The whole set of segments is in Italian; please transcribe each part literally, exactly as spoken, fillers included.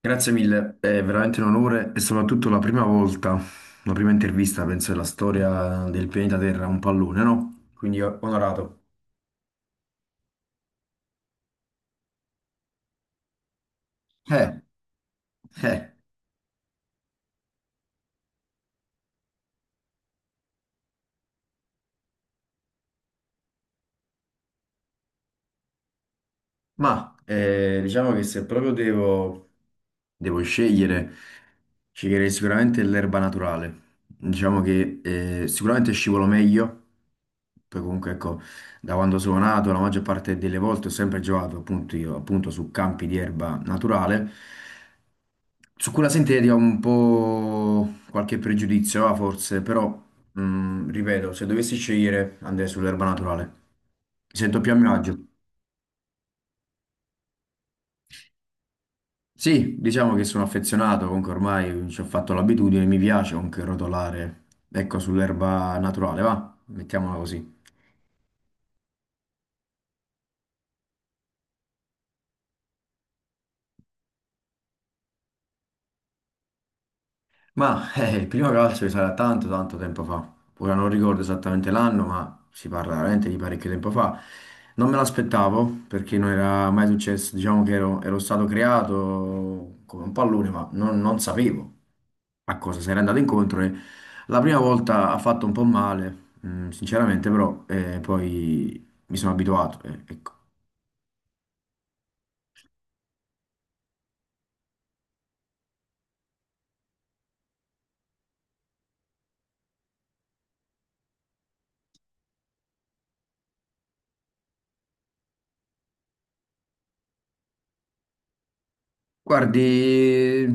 Grazie mille, è veramente un onore e soprattutto la prima volta, la prima intervista, penso, della storia del pianeta Terra, a un pallone, no? Quindi eh, onorato. Eh, eh, ma eh, diciamo che se proprio devo, devo scegliere, sceglierei sicuramente l'erba naturale. Diciamo che eh, sicuramente scivolo meglio, poi comunque ecco, da quando sono nato, la maggior parte delle volte ho sempre giocato appunto io, appunto su campi di erba naturale. Su quella senteria ho un po' qualche pregiudizio, ah, forse, però, mh, ripeto, se dovessi scegliere andrei sull'erba naturale. Mi sento più a mio agio. Sì, diciamo che sono affezionato, comunque ormai ci ho fatto l'abitudine, mi piace comunque rotolare. Ecco, sull'erba naturale, va, mettiamola così. Ma eh, il primo calcio sarà tanto tanto tempo fa. Ora non ricordo esattamente l'anno, ma si parla veramente di parecchio tempo fa. Non me l'aspettavo perché non era mai successo, diciamo che ero, ero stato creato come un pallone, ma non, non sapevo a cosa sarei andato incontro e la prima volta ha fatto un po' male, mm, sinceramente, però eh, poi mi sono abituato. eh, ecco. Guardi,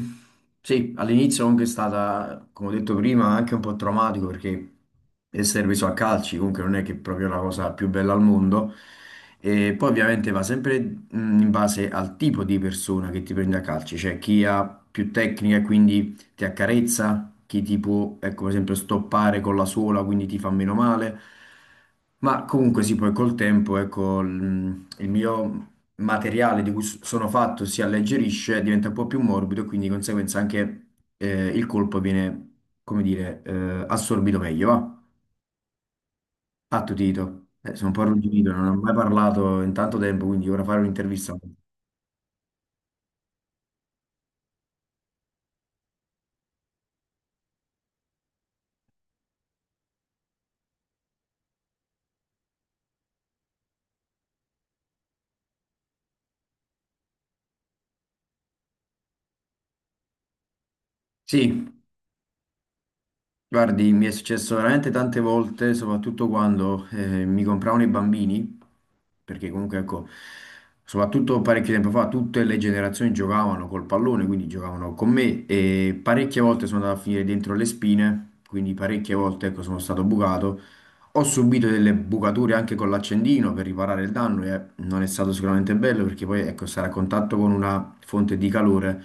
sì, all'inizio comunque è stata, come ho detto prima, anche un po' traumatico perché essere preso a calci comunque non è che è proprio la cosa più bella al mondo. E poi ovviamente va sempre mh, in base al tipo di persona che ti prende a calci, cioè chi ha più tecnica e quindi ti accarezza, chi ti può, ecco, per esempio, stoppare con la suola, quindi ti fa meno male. Ma comunque sì, poi col tempo, ecco, il il mio materiale di cui s- sono fatto si alleggerisce, diventa un po' più morbido e quindi di conseguenza anche eh, il colpo viene, come dire, eh, assorbito meglio, va? Attutito. Eh, sono un po' arrugginito, non ho mai parlato in tanto tempo, quindi ora fare un'intervista. Sì. Guardi, mi è successo veramente tante volte, soprattutto quando eh, mi compravano i bambini, perché comunque, ecco, soprattutto parecchio tempo fa, tutte le generazioni giocavano col pallone, quindi giocavano con me e parecchie volte sono andato a finire dentro le spine, quindi parecchie volte, ecco, sono stato bucato. Ho subito delle bucature anche con l'accendino per riparare il danno e non è stato sicuramente bello perché poi, ecco, stare a contatto con una fonte di calore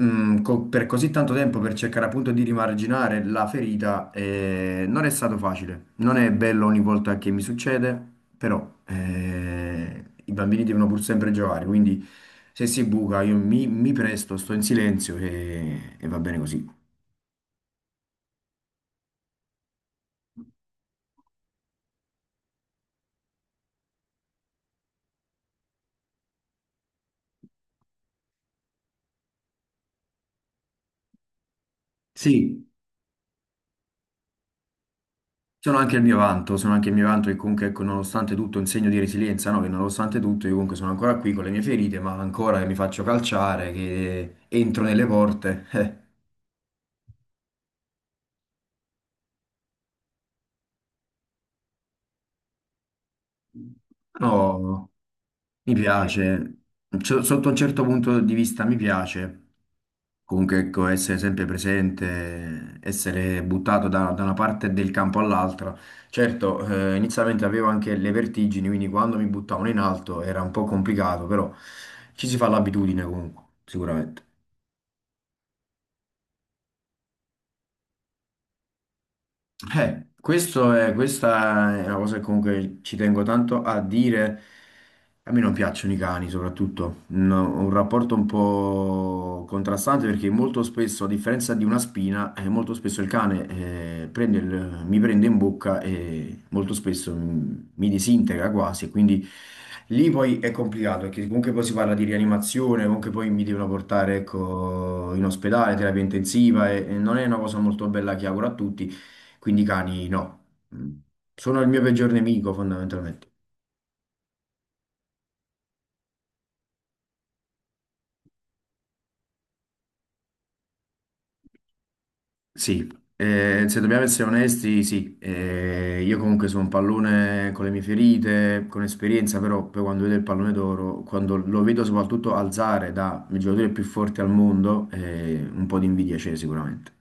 mm, co- per così tanto tempo per cercare appunto di rimarginare la ferita, eh, non è stato facile. Non è bello ogni volta che mi succede, però eh, i bambini devono pur sempre giocare, quindi se si buca io mi, mi presto, sto in silenzio e, e va bene così. Sì, sono anche il mio vanto, sono anche il mio vanto che comunque ecco, nonostante tutto è un segno di resilienza, no? Che nonostante tutto io comunque sono ancora qui con le mie ferite, ma ancora che mi faccio calciare, che entro nelle porte. eh. No, Mi piace, C- Sotto un certo punto di vista mi piace, comunque ecco, essere sempre presente, essere buttato da, da una parte del campo all'altra. Certo, eh, inizialmente avevo anche le vertigini, quindi quando mi buttavano in alto era un po' complicato, però ci si fa l'abitudine comunque, sicuramente. Eh, questo è- questa è una cosa che comunque ci tengo tanto a dire. A me non piacciono i cani, soprattutto. No, ho un rapporto un po' contrastante perché molto spesso, a differenza di una spina, eh, molto spesso il cane eh, prende il- mi prende in bocca e molto spesso mi, mi disintegra quasi. Quindi lì poi è complicato perché comunque poi si parla di rianimazione, comunque poi mi devono portare, ecco, in ospedale, terapia intensiva e e non è una cosa molto bella che auguro a tutti. Quindi i cani no, Mm. sono il mio peggior nemico fondamentalmente. Sì, eh, se dobbiamo essere onesti, sì, Eh, io comunque sono un pallone con le mie ferite, con esperienza, però poi quando vedo il pallone d'oro, quando lo vedo soprattutto alzare da il giocatore più forte al mondo, eh, un po' di invidia c'è sicuramente.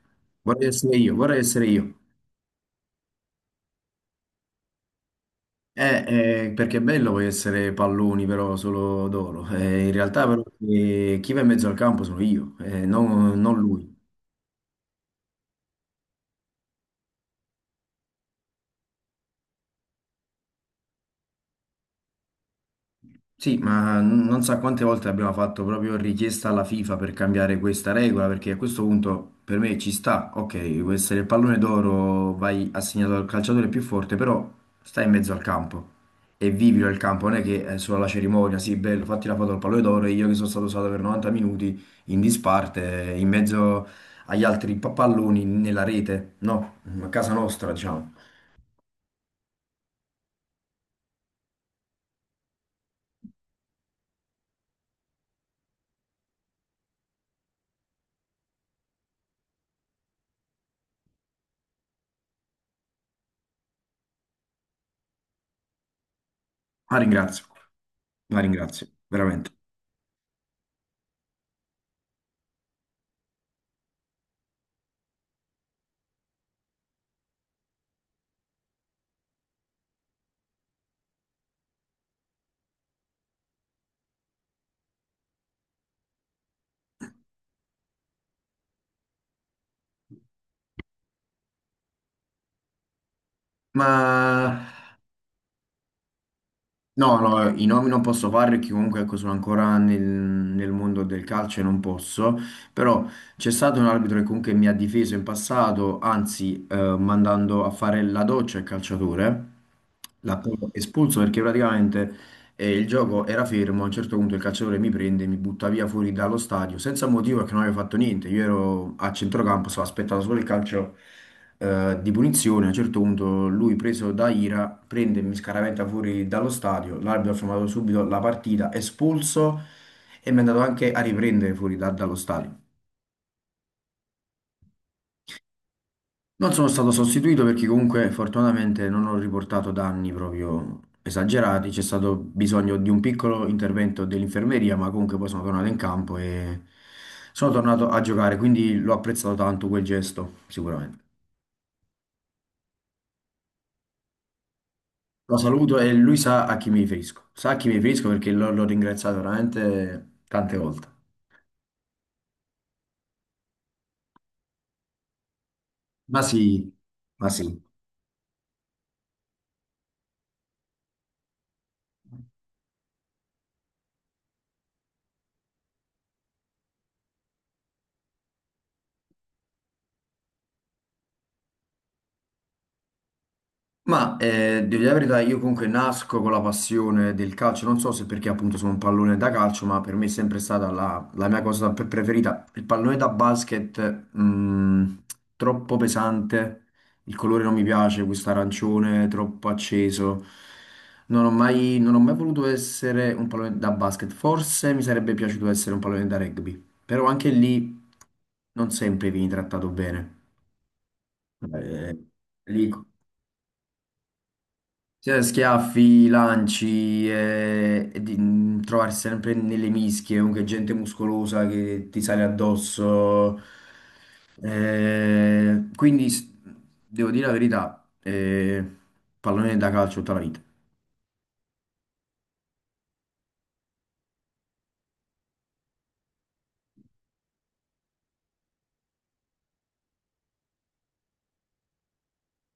Vorrei essere io, vorrei essere io. Eh, eh, perché è bello poi essere palloni però solo d'oro. Eh, in realtà però eh, chi va in mezzo al campo sono io, eh, non, non lui. Sì, ma n- non so quante volte abbiamo fatto proprio richiesta alla FIFA per cambiare questa regola, perché a questo punto per me ci sta, ok, può essere il pallone d'oro, vai assegnato al calciatore più forte, però stai in mezzo al campo e vivilo il campo, non è che è solo la cerimonia, sì, bello, fatti la foto al pallone d'oro e io che sono stato usato per novanta minuti in disparte, eh, in mezzo agli altri pa- palloni nella rete, no, a casa nostra, diciamo. La ringrazio, la ringrazio, veramente. Ma No, no, i nomi non posso fare perché comunque ecco, sono ancora nel, nel mondo del calcio e non posso, però c'è stato un arbitro che comunque mi ha difeso in passato, anzi eh, mandando a fare la doccia al calciatore, l'ha proprio espulso perché praticamente e il gioco era fermo, a un certo punto il calciatore mi prende, mi butta via fuori dallo stadio, senza motivo perché non avevo fatto niente. Io ero a centrocampo, stavo aspettando solo il calcio eh, di punizione. A un certo punto lui, preso da ira, prende e mi scaraventa fuori dallo stadio. L'arbitro ha fermato subito la partita, espulso e mi è andato anche a riprendere fuori da- dallo stadio. Non sono stato sostituito perché comunque fortunatamente non ho riportato danni proprio esagerati, c'è stato bisogno di un piccolo intervento dell'infermeria, ma comunque poi sono tornato in campo e sono tornato a giocare, quindi l'ho apprezzato tanto quel gesto, sicuramente. Lo saluto e lui sa a chi mi riferisco, sa a chi mi riferisco perché l'ho l'ho ringraziato veramente tante volte. Ma sì, ma sì. Ma eh, devo dire la verità, io comunque nasco con la passione del calcio, non so se perché appunto sono un pallone da calcio, ma per me è sempre stata la, la mia cosa pre- preferita. Il pallone da basket, mh, troppo pesante, il colore non mi piace, questo arancione troppo acceso. Non ho mai, non ho mai voluto essere un pallone da basket, forse mi sarebbe piaciuto essere un pallone da rugby, però anche lì non sempre vieni trattato bene. Eh, Lì, sì, schiaffi, lanci e, e di mm, trovarsi sempre nelle mischie, comunque gente muscolosa che ti sale addosso. Eh, quindi s- devo dire la verità, eh, pallone da calcio tutta la vita.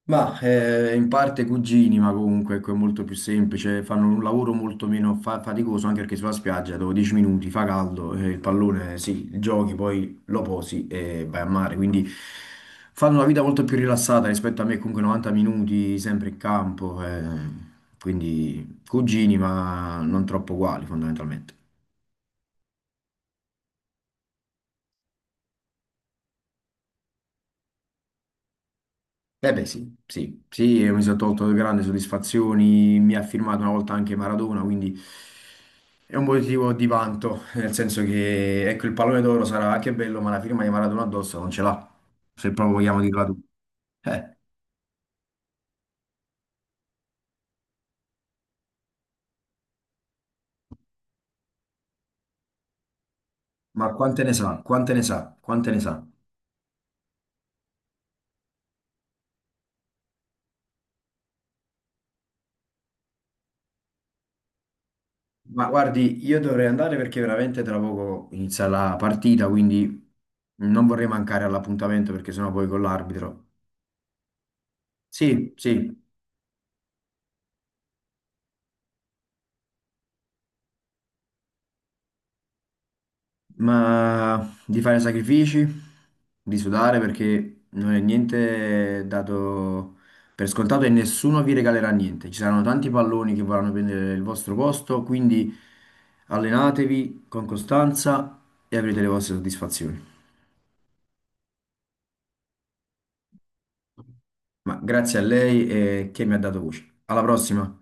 Ma eh, in parte cugini, ma comunque ecco, è molto più semplice, fanno un lavoro molto meno fa- faticoso anche perché sulla spiaggia dopo dieci minuti fa caldo, eh, il pallone sì, giochi, poi lo posi e vai a mare, quindi fanno una vita molto più rilassata rispetto a me, comunque novanta minuti sempre in campo, eh, quindi cugini ma non troppo uguali fondamentalmente. Eh beh sì, sì, sì, e mi sono tolto grandi soddisfazioni, mi ha firmato una volta anche Maradona, quindi... È un motivo di vanto, nel senso che ecco, il pallone d'oro sarà anche bello, ma la firma di Maradona addosso non ce l'ha, se proprio vogliamo dirla tu. Eh, ma quante ne sa, quante ne sa, quante ne sa. Ma guardi, io dovrei andare perché veramente tra poco inizia la partita, quindi non vorrei mancare all'appuntamento perché sennò poi con l'arbitro. Sì, sì. Ma di fare sacrifici, di sudare perché non è niente dato per scontato e nessuno vi regalerà niente. Ci saranno tanti palloni che vorranno prendere il vostro posto, quindi allenatevi con costanza e avrete le vostre soddisfazioni. Ma grazie a lei e che mi ha dato voce. Alla prossima!